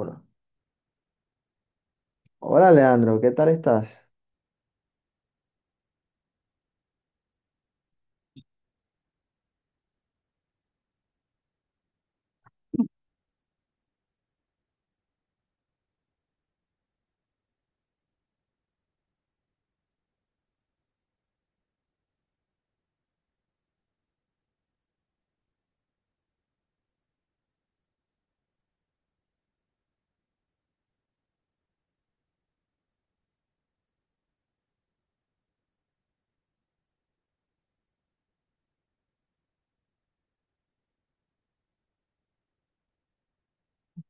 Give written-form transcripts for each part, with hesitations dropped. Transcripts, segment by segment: Uno. Hola, Leandro, ¿qué tal estás?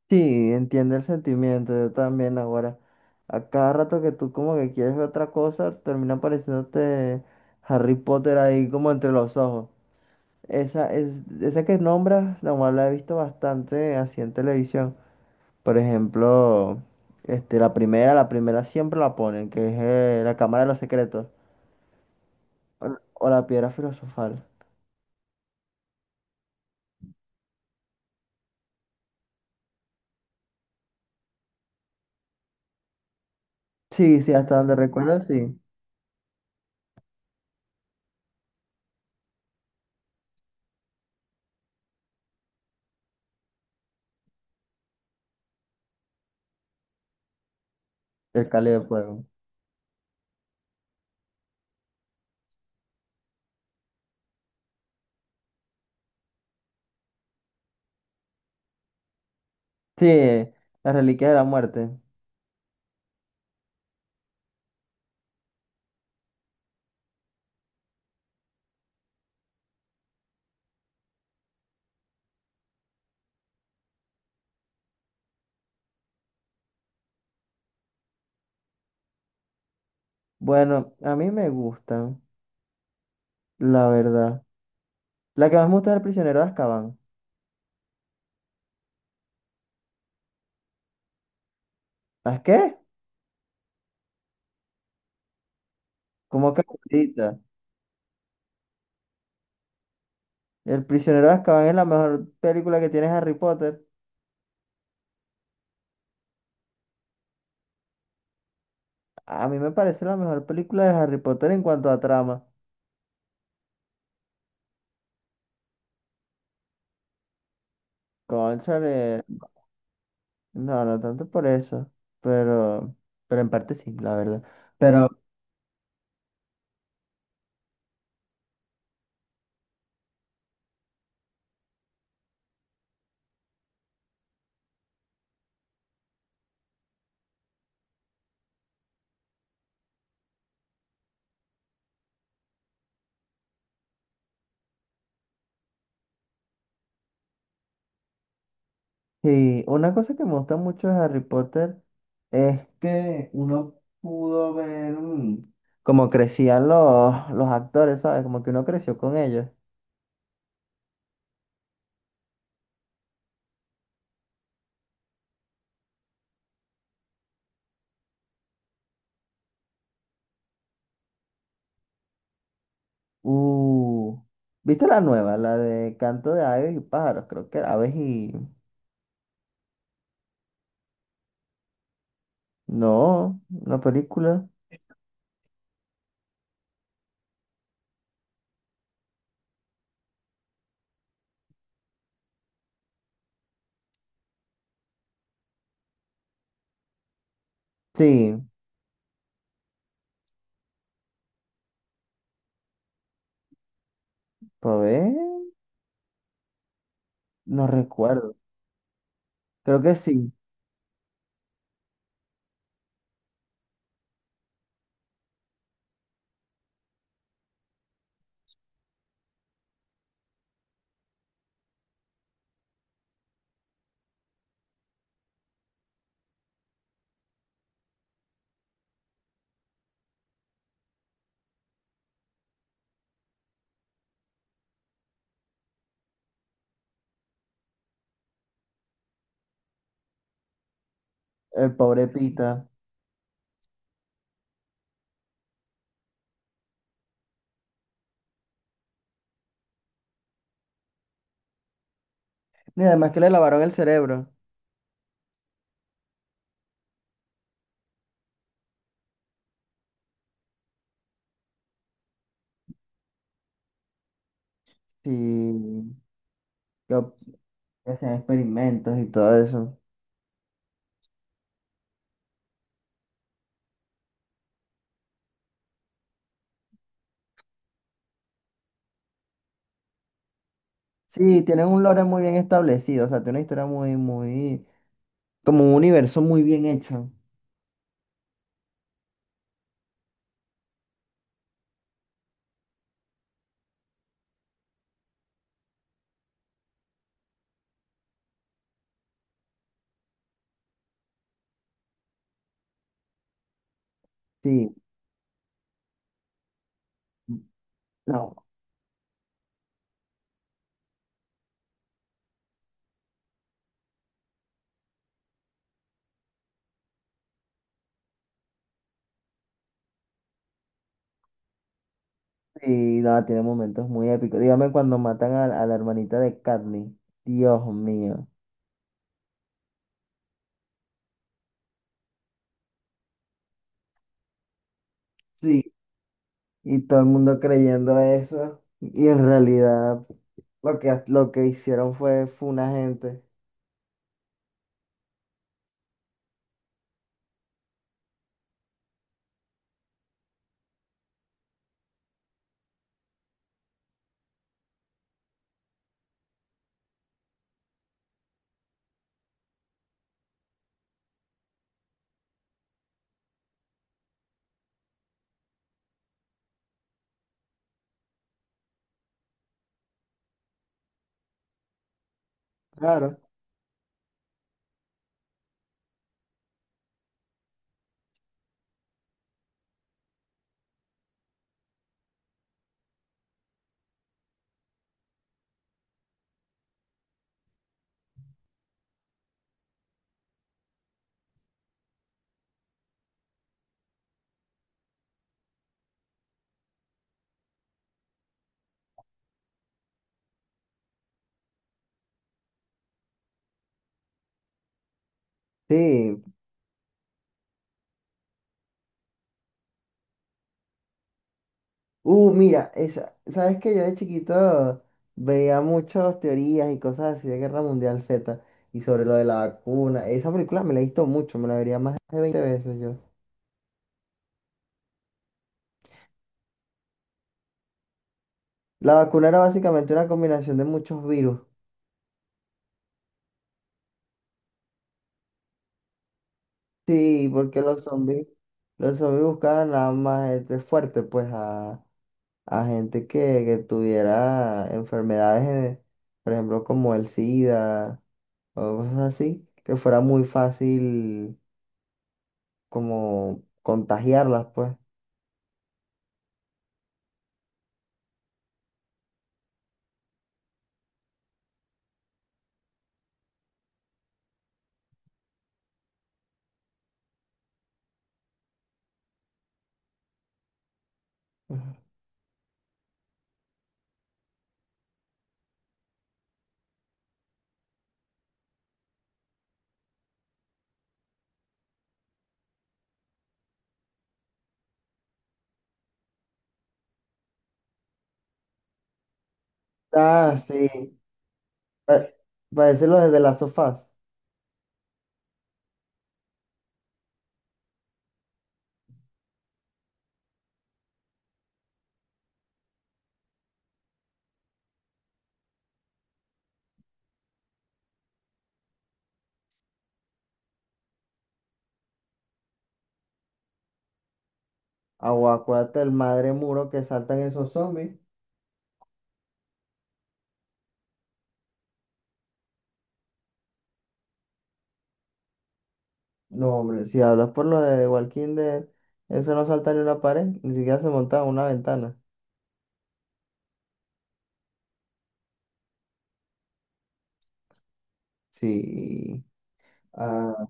Sí, entiende el sentimiento, yo también ahora. A cada rato que tú como que quieres ver otra cosa, termina apareciéndote Harry Potter ahí como entre los ojos. Esa, es, esa que nombras, la cual la he visto bastante así en televisión. Por ejemplo, este, la primera siempre la ponen, que es la Cámara de los Secretos o, o la Piedra Filosofal. Sí, sí, hasta donde recuerdo, sí, el Cáliz de Fuego. Sí, las reliquias de la muerte. Bueno, a mí me gustan, la verdad. La que más me gusta es El prisionero de Azkaban. ¿Las qué? ¿Cómo que gustita? El prisionero de Azkaban es la mejor película que tiene Harry Potter. A mí me parece la mejor película de Harry Potter en cuanto a trama. Cónchale, no, no tanto por eso, pero, pero en parte sí, la verdad. Pero sí, una cosa que me gusta mucho de Harry Potter es que uno pudo ver cómo crecían los actores, ¿sabes? Como que uno creció con ellos. Uh, ¿Viste la nueva? La de Canto de Aves y Pájaros, creo que era Aves y... No, una película. Sí, ¿por ver? No recuerdo. Creo que sí, el pobre Pita. Y además que le lavaron el cerebro. Sí, que que hacían experimentos y todo eso. Sí, tienen un lore muy bien establecido, o sea, tiene una historia muy, muy... Como un universo muy bien hecho. Sí. No, sí nada, tiene momentos muy épicos. Dígame cuando matan a la hermanita de Katniss. Dios mío. Sí. Y todo el mundo creyendo eso. Y en realidad lo que hicieron fue, fue una gente. Claro. Sí. Mira, esa, ¿sabes que yo de chiquito veía muchas teorías y cosas así de Guerra Mundial Z y sobre lo de la vacuna? Esa película me la he visto mucho, me la vería más de 20 veces yo. La vacuna era básicamente una combinación de muchos virus. Sí, porque los zombies buscaban nada más gente fuerte, pues a gente que tuviera enfermedades, por ejemplo, como el SIDA o cosas así, que fuera muy fácil como contagiarlas, pues. Ah, sí. Pa- Parece los de las sofás. Aguacuate, el madre muro que saltan esos zombies. No, hombre, si hablas por lo de Walking Dead, eso no salta ni una pared, ni siquiera se monta en una ventana. Sí, ah,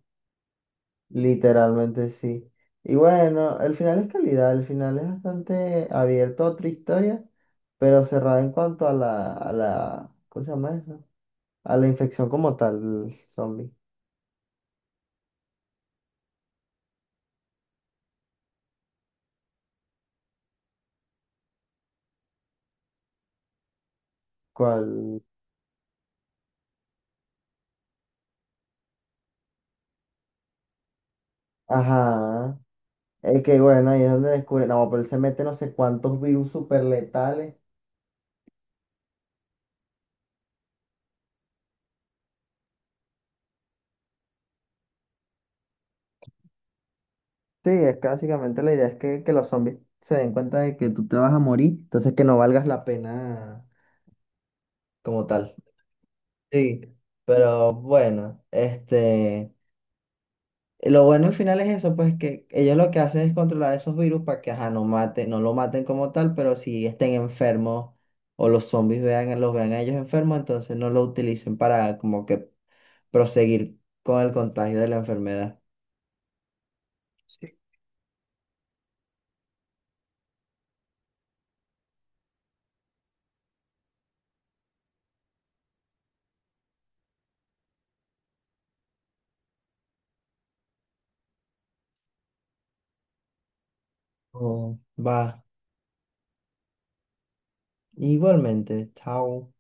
literalmente sí. Y bueno, el final es calidad, el final es bastante abierto a otra historia, pero cerrada en cuanto a la, ¿cómo se llama eso? A la infección como tal, zombie. ¿Cuál? Ajá. Es que bueno, ahí es donde descubre, no, pero él se mete no sé cuántos virus super letales. Sí, es que básicamente la idea es que los zombies se den cuenta de que tú te vas a morir, entonces que no valgas la pena como tal. Sí, pero bueno, este, lo bueno al final es eso, pues que ellos lo que hacen es controlar esos virus para que, ajá, no maten, no lo maten como tal, pero si estén enfermos o los zombies vean, los vean a ellos enfermos, entonces no lo utilicen para como que proseguir con el contagio de la enfermedad. Sí. Oh, va, igualmente, chao.